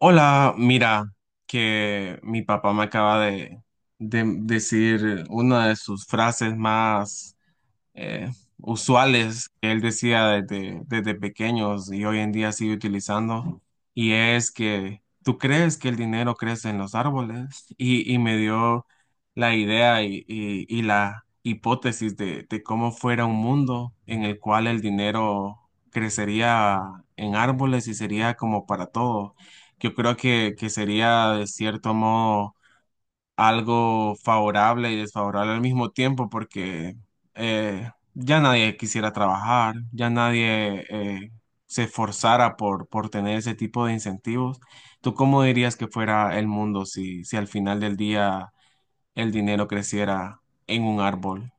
Hola, mira, que mi papá me acaba de decir una de sus frases más eh, usuales que él decía desde pequeños y hoy en día sigue utilizando, y es que tú crees que el dinero crece en los árboles, y me dio la idea y la hipótesis de cómo fuera un mundo en el cual el dinero crecería en árboles y sería como para todo. Yo creo que sería de cierto modo algo favorable y desfavorable al mismo tiempo porque ya nadie quisiera trabajar, ya nadie se esforzara por tener ese tipo de incentivos. ¿Tú cómo dirías que fuera el mundo si al final del día el dinero creciera en un árbol?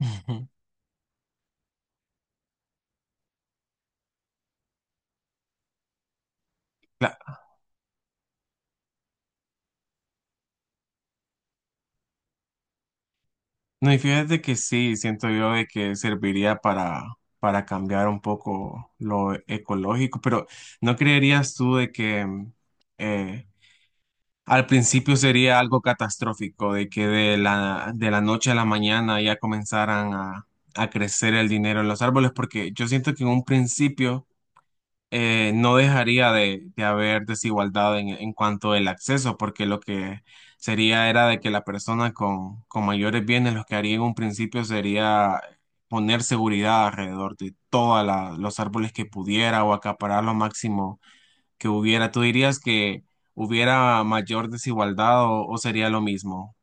Cla- No, y fíjate que sí, siento yo de que serviría para cambiar un poco lo ecológico, pero ¿no creerías tú de que eh, Al principio sería algo catastrófico, de que de la noche a la mañana ya comenzaran a crecer el dinero en los árboles, porque yo siento que en un principio no dejaría de haber desigualdad en cuanto al acceso, porque lo que sería era de que la persona con mayores bienes, lo que haría en un principio sería poner seguridad alrededor de todos los árboles que pudiera o acaparar lo máximo que hubiera? ¿Tú dirías que hubiera mayor desigualdad o sería lo mismo?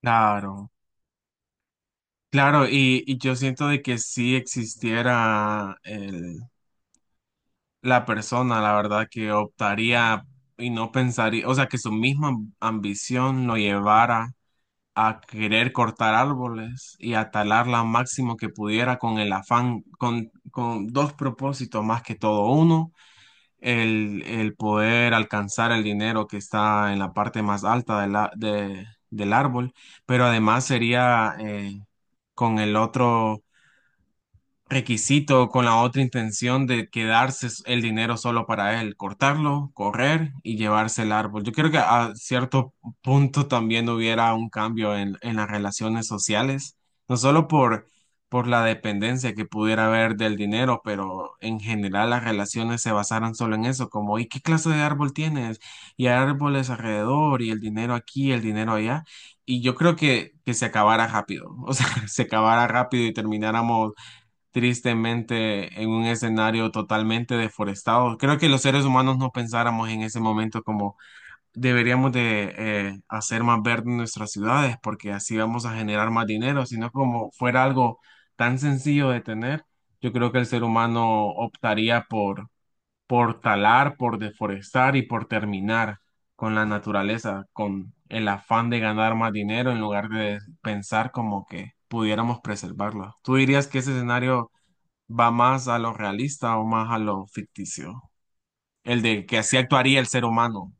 Claro, claro, y yo siento de que si existiera la persona, la verdad, que optaría y no pensaría, o sea, que su misma ambición lo llevara a querer cortar árboles y a talarla máximo que pudiera con el afán, con dos propósitos más que todo. Uno, el poder alcanzar el dinero que está en la parte más alta del árbol, pero además sería con el otro requisito con la otra intención de quedarse el dinero solo para él, cortarlo, correr y llevarse el árbol. Yo creo que a cierto punto también hubiera un cambio en las relaciones sociales, no solo por la dependencia que pudiera haber del dinero, pero en general las relaciones se basaran solo en eso, como ¿y qué clase de árbol tienes? Y hay árboles alrededor y el dinero aquí, el dinero allá. Y yo creo que se acabara rápido, o sea, se acabara rápido y termináramos tristemente en un escenario totalmente deforestado. Creo que los seres humanos no pensáramos en ese momento como deberíamos de hacer más verde nuestras ciudades porque así vamos a generar más dinero, sino como fuera algo tan sencillo de tener, yo creo que el ser humano optaría por talar, por deforestar y por terminar con la naturaleza, con el afán de ganar más dinero en lugar de pensar como que pudiéramos preservarla. ¿Tú dirías que ese escenario va más a lo realista o más a lo ficticio? El de que así actuaría el ser humano.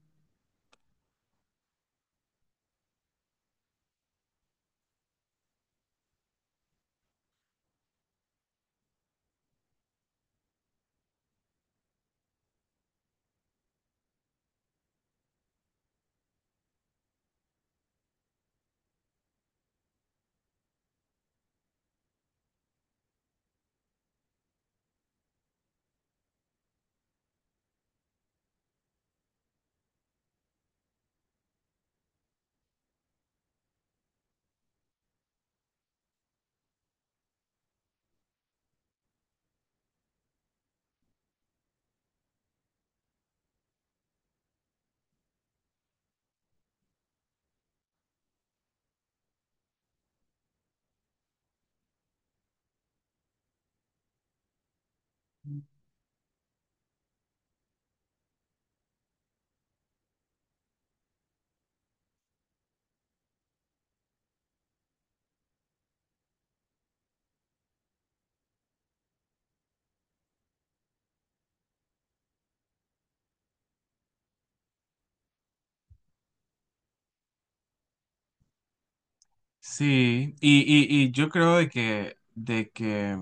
Sí, y yo creo de que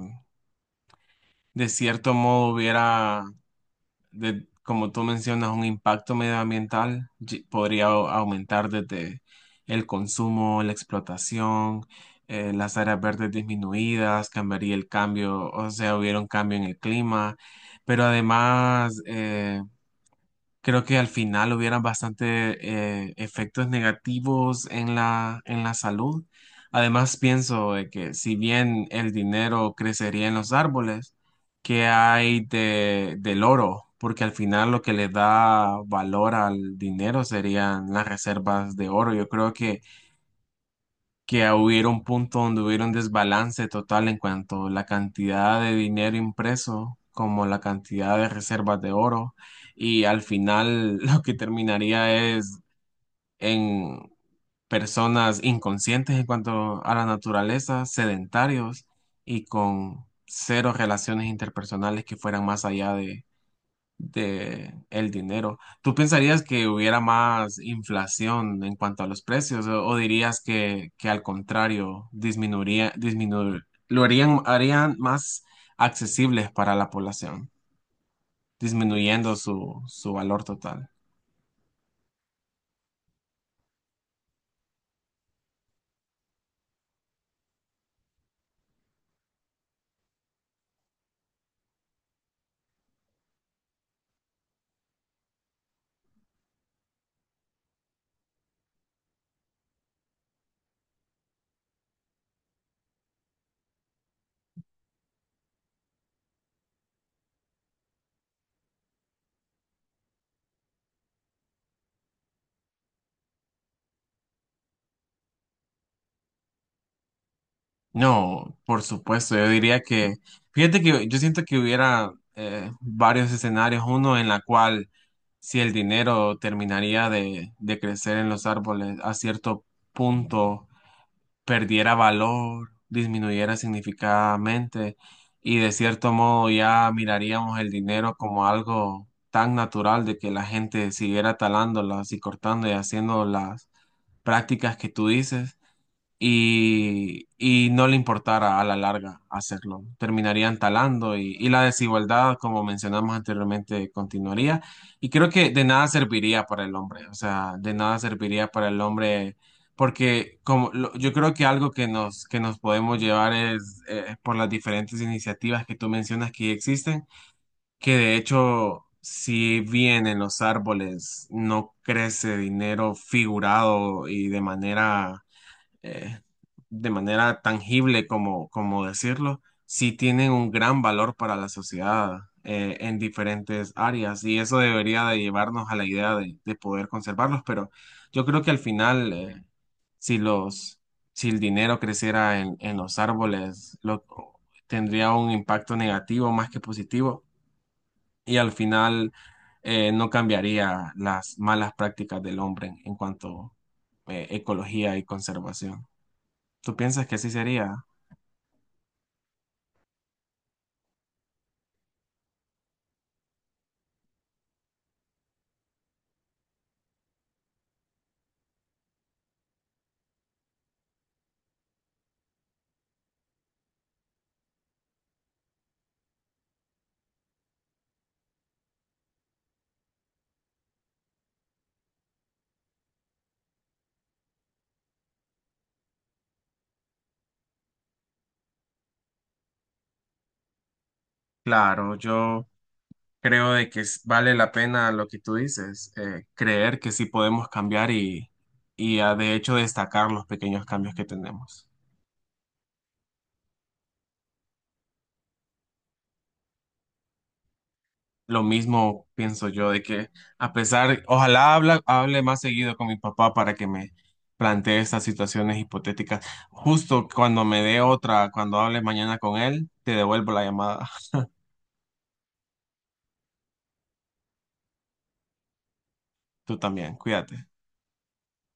de cierto modo hubiera, de, como tú mencionas, un impacto medioambiental, podría aumentar desde el consumo, la explotación, las áreas verdes disminuidas, cambiaría el cambio, o sea, hubiera un cambio en el clima, pero además, creo que al final hubieran bastante efectos negativos en la, salud. Además, pienso de que si bien el dinero crecería en los árboles, ¿qué hay del oro? Porque al final lo que le da valor al dinero serían las reservas de oro. Yo creo que hubiera un punto donde hubiera un desbalance total en cuanto a la cantidad de dinero impreso como la cantidad de reservas de oro y al final lo que terminaría es en personas inconscientes en cuanto a la naturaleza, sedentarios y con cero relaciones interpersonales que fueran más allá de el dinero. ¿Tú pensarías que hubiera más inflación en cuanto a los precios o dirías que al contrario disminuiría, lo harían más accesibles para la población, disminuyendo su valor total? No, por supuesto, yo diría que, fíjate que yo siento que hubiera varios escenarios, uno en la cual si el dinero terminaría de crecer en los árboles a cierto punto, perdiera valor, disminuyera significadamente y de cierto modo ya miraríamos el dinero como algo tan natural de que la gente siguiera talándolas y cortando y haciendo las prácticas que tú dices y no le importara a la larga hacerlo. Terminarían talando y la desigualdad, como mencionamos anteriormente, continuaría. Y creo que de nada serviría para el hombre, o sea, de nada serviría para el hombre, porque como yo creo que algo que nos podemos llevar es por las diferentes iniciativas que tú mencionas que ya existen, que de hecho... Si bien en los árboles no crece dinero figurado y eh, de manera tangible como decirlo, sí tienen un gran valor para la sociedad en diferentes áreas y eso debería de llevarnos a la idea de poder conservarlos, pero yo creo que al final, si los, si el dinero creciera en los árboles, tendría un impacto negativo más que positivo y al final no cambiaría las malas prácticas del hombre en cuanto a ecología y conservación. ¿Tú piensas que así sería? Claro, yo creo de que vale la pena lo que tú dices, creer que sí podemos cambiar y ah, de hecho destacar los pequeños cambios que tenemos. Lo mismo pienso yo de que a pesar, ojalá hable más seguido con mi papá para que me plantee estas situaciones hipotéticas. Justo cuando me dé otra, cuando hable mañana con él, te devuelvo la llamada. Tú también, cuídate.